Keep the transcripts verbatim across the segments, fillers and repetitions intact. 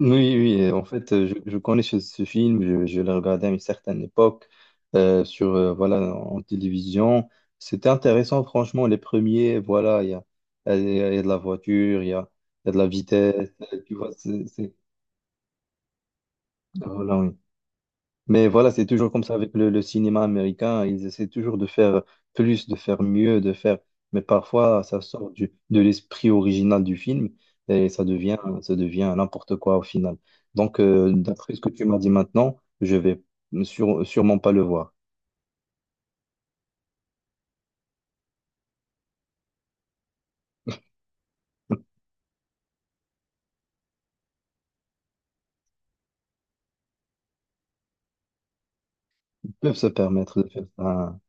Oui, oui, euh, en fait, euh, je, je connais ce, ce film, je, je l'ai regardé à une certaine époque euh, sur, euh, voilà, en télévision. C'était intéressant, franchement, les premiers, voilà, il y a, il y a- il y a de la voiture, il y a, il y a de la vitesse, euh, tu vois, c'est, c'est- voilà, oui. Mais voilà, c'est toujours comme ça avec le, le cinéma américain. Ils essaient toujours de faire plus, de faire mieux, de faire. Mais parfois, ça sort du, de l'esprit original du film et ça devient, ça devient n'importe quoi au final. Donc, euh, d'après ce que tu m'as dit maintenant, je vais sûre- sûrement pas le voir. Ils peuvent se permettre de faire ça.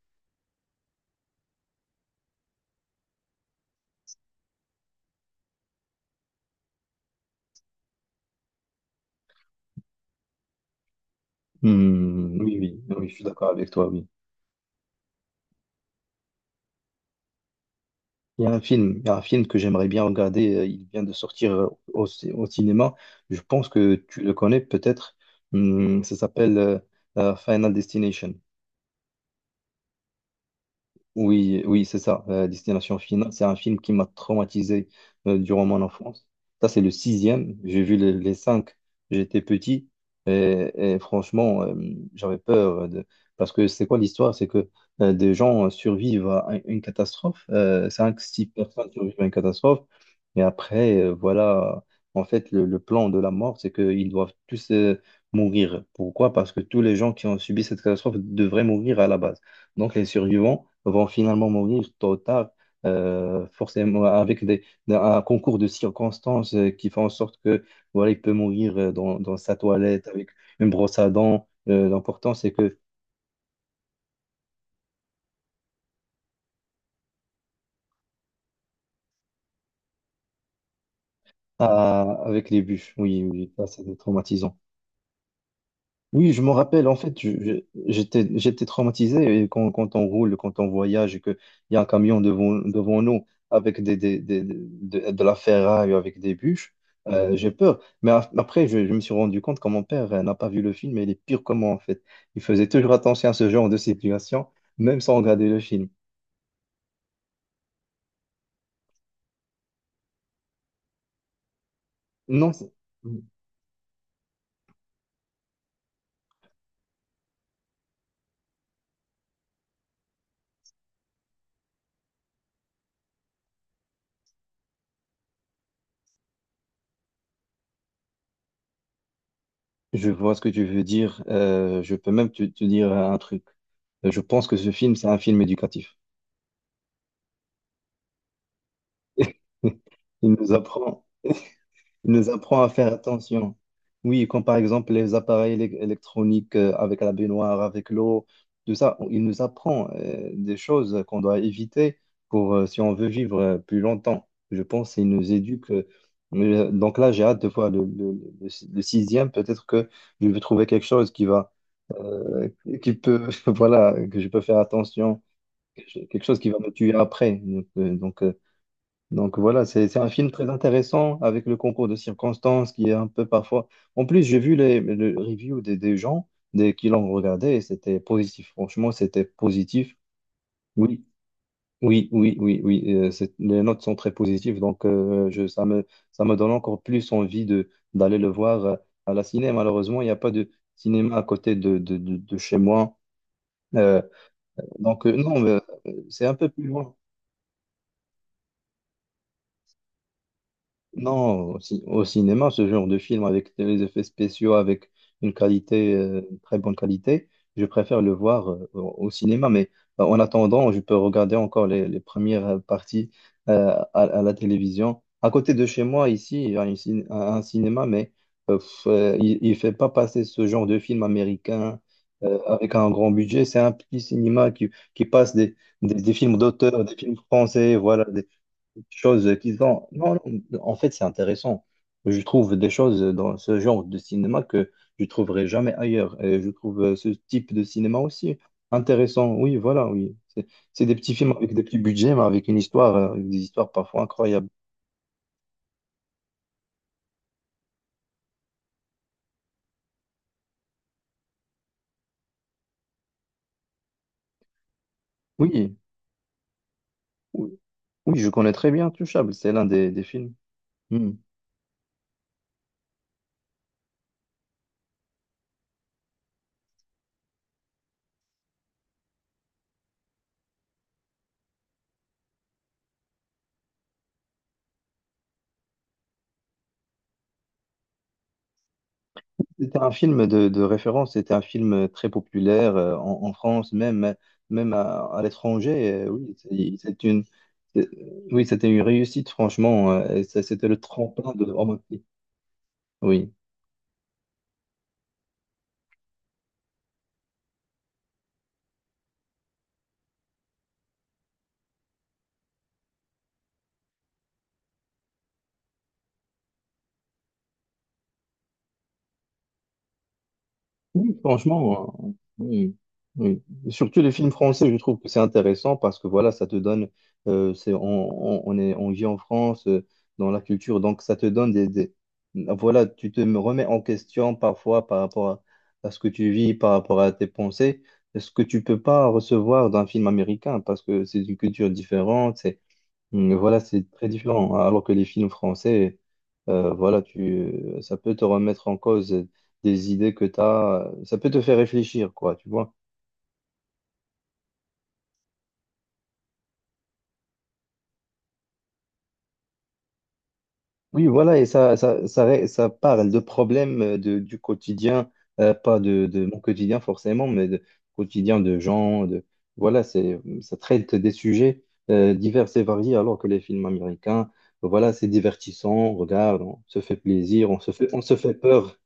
Hmm, oui, oui, oui, je suis d'accord avec toi, oui. Il y a un film, il y a un film que j'aimerais bien regarder. euh, Il vient de sortir euh, au, cin- au cinéma. Je pense que tu le connais peut-être. Hum, ça s'appelle euh, euh, Final Destination. Oui, oui, c'est ça, euh, Destination Finale. C'est un film qui m'a traumatisé euh, durant mon enfance. Ça, c'est le sixième. J'ai vu les, les cinq. J'étais petit et, et franchement, euh, j'avais peur de... parce que c'est quoi l'histoire? C'est que euh, des gens euh, survivent à un- une catastrophe. Euh, cinq, six personnes survivent à une catastrophe. Et après, euh, voilà, en fait, le, le plan de la mort, c'est qu'ils doivent tous euh, mourir. Pourquoi? Parce que tous les gens qui ont subi cette catastrophe devraient mourir à la base. Donc, les survivants vont finalement mourir tôt ou tard, euh, forcément avec des, des- un concours de circonstances euh, qui fait en sorte que voilà, il peut mourir euh, dans, dans sa toilette avec une brosse à dents. Euh, l'important, c'est que ah, avec les bûches, oui, oui, ça, c'est traumatisant. Oui, je me rappelle, en fait, je- je- j'étais, j'étais traumatisé et quand, quand on roule, quand on voyage et qu'il y a un camion devant, devant nous avec des, des, des- de, de la ferraille, avec des bûches, euh, j'ai peur. Mais a- après, je, je me suis rendu compte que mon père euh, n'a pas vu le film et il est pire que moi, en fait. Il faisait toujours attention à ce genre de situation, même sans regarder le film. Non, c'est- je vois ce que tu veux dire. Euh, je peux même te, te dire un truc. Je pense que ce film, c'est un film éducatif. Il nous apprend. Il nous apprend à faire attention. Oui, comme par exemple les appareils élec- électroniques euh, avec la baignoire, avec l'eau, tout ça, il nous apprend euh, des choses qu'on doit éviter pour euh, si on veut vivre euh, plus longtemps. Je pense qu'il nous éduque. Euh, euh, donc là, j'ai hâte de voir le, le- le- si-, le sixième. Peut-être que je vais trouver quelque chose qui va, euh, qui peut, voilà, que je peux faire attention, que je- quelque chose qui va me tuer après. Donc, euh, donc, euh, donc voilà, c'est c'est un film très intéressant avec le concours de circonstances qui est un peu parfois. En plus, j'ai vu les, les reviews des, des gens des, qui l'ont regardé et c'était positif. Franchement, c'était positif. Oui, oui, oui, oui, oui. Euh, c'est- les notes sont très positives. Donc euh, je, ça me, ça me donne encore plus envie de, d'aller le voir euh, à la ciné. Malheureusement, il n'y a pas de cinéma à côté de, de, de, de chez moi. Euh, donc euh, non, mais, euh, c'est un peu plus loin. Non, au, ci- au cinéma, ce genre de film avec les effets spéciaux, avec une qualité, euh, une très bonne qualité, je préfère le voir euh, au au cinéma. Mais euh, en attendant, je peux regarder encore les, les premières euh, parties euh, à, à la télévision. À côté de chez moi, ici, il y a une cin- un un cinéma, mais euh, pff, euh, il ne fait pas passer ce genre de film américain euh, avec un grand budget. C'est un petit cinéma qui, qui passe des, des, des films d'auteurs, des films français, voilà, choses qu'ils ont. Non, non, en fait, c'est intéressant. Je trouve des choses dans ce genre de cinéma que je trouverai jamais ailleurs. Et je trouve euh, ce type de cinéma aussi intéressant. Oui, voilà, oui. C'est c'est des petits films avec des petits budgets, mais avec une histoire, euh, avec des histoires parfois incroyables. Oui, oui, oui, je connais très bien Touchable. C'est l'un des, des films. Hmm. C'était un film de, de référence, c'était un film très populaire euh, en, en France, même, même à, à l'étranger. Euh, oui, c'est c'est une, c'est- oui, c'était une réussite, franchement. Euh, et ça- c'était le tremplin de Romain. Oui, oui, franchement, euh, oui, oui. Surtout les films français, je trouve que c'est intéressant parce que voilà, ça te donne, euh, c'est, on, on- on est, on vit en France, euh, dans la culture, donc ça te donne des, des- voilà, tu te remets en question parfois par rapport à, à ce que tu vis, par rapport à tes pensées, ce que tu peux pas recevoir d'un film américain parce que c'est une culture différente. Mm, voilà, c'est très différent. Alors que les films français, euh, voilà, tu, ça peut te remettre en cause des idées que tu as, ça peut te faire réfléchir, quoi, tu vois. Oui, voilà, et ça, ça, ça, ré- ça parle de problèmes euh, de, du quotidien, euh, pas de, de mon quotidien forcément, mais de quotidien de gens, de, voilà, c'est, ça traite des sujets euh, divers et variés, alors que les films américains, voilà, c'est divertissant, on regarde, on se fait plaisir, on se fait, on se fait peur.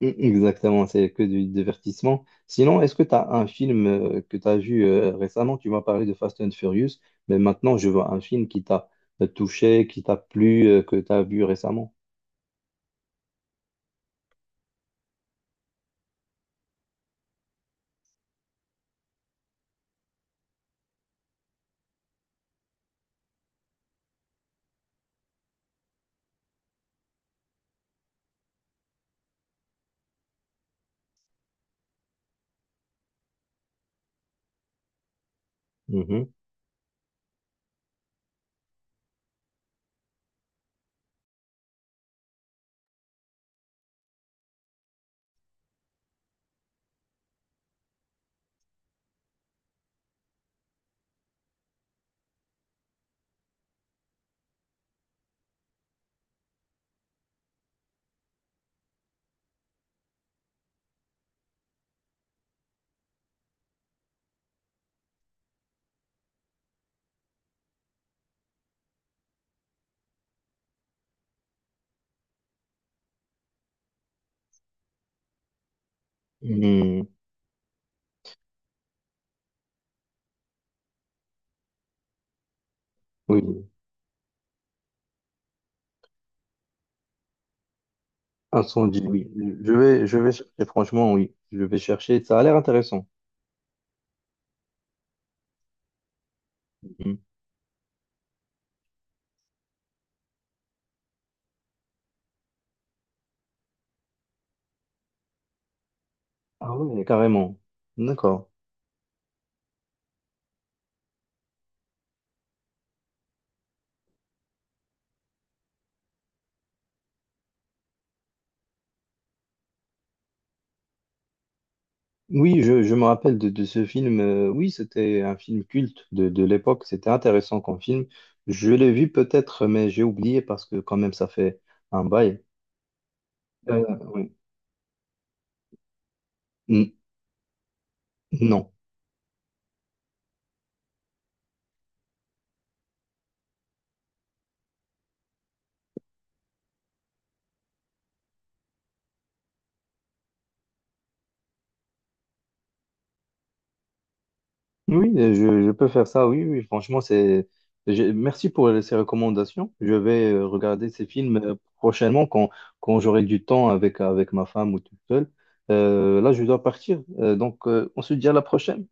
Mm, exactement, c'est que du divertissement. Sinon, est-ce que tu as un film euh, que tu as vu euh, récemment? Tu m'as parlé de Fast and Furious, mais maintenant je vois un film qui t'a euh, touché, qui t'a plu, euh, que tu as vu récemment. Mhm. Mm, oui, Incendie, oui. Je vais, je vais chercher, franchement, oui. Je vais chercher. Ça a l'air intéressant. Mhm. Ah oui, carrément. D'accord. Oui, je, je me rappelle de, de ce film. Euh, oui, c'était un film culte de, de l'époque. C'était intéressant comme film. Je l'ai vu peut-être, mais j'ai oublié parce que quand même, ça fait un bail. Euh, oui. N- non. Oui, euh, je, je peux faire ça. Oui, oui, franchement, c'est. J'ai- Merci pour ces recommandations. Je vais euh, regarder ces films euh, prochainement quand, quand j'aurai du temps avec, avec ma femme ou tout seul. Euh, là, je dois partir. Euh, donc, euh, on se dit à la prochaine.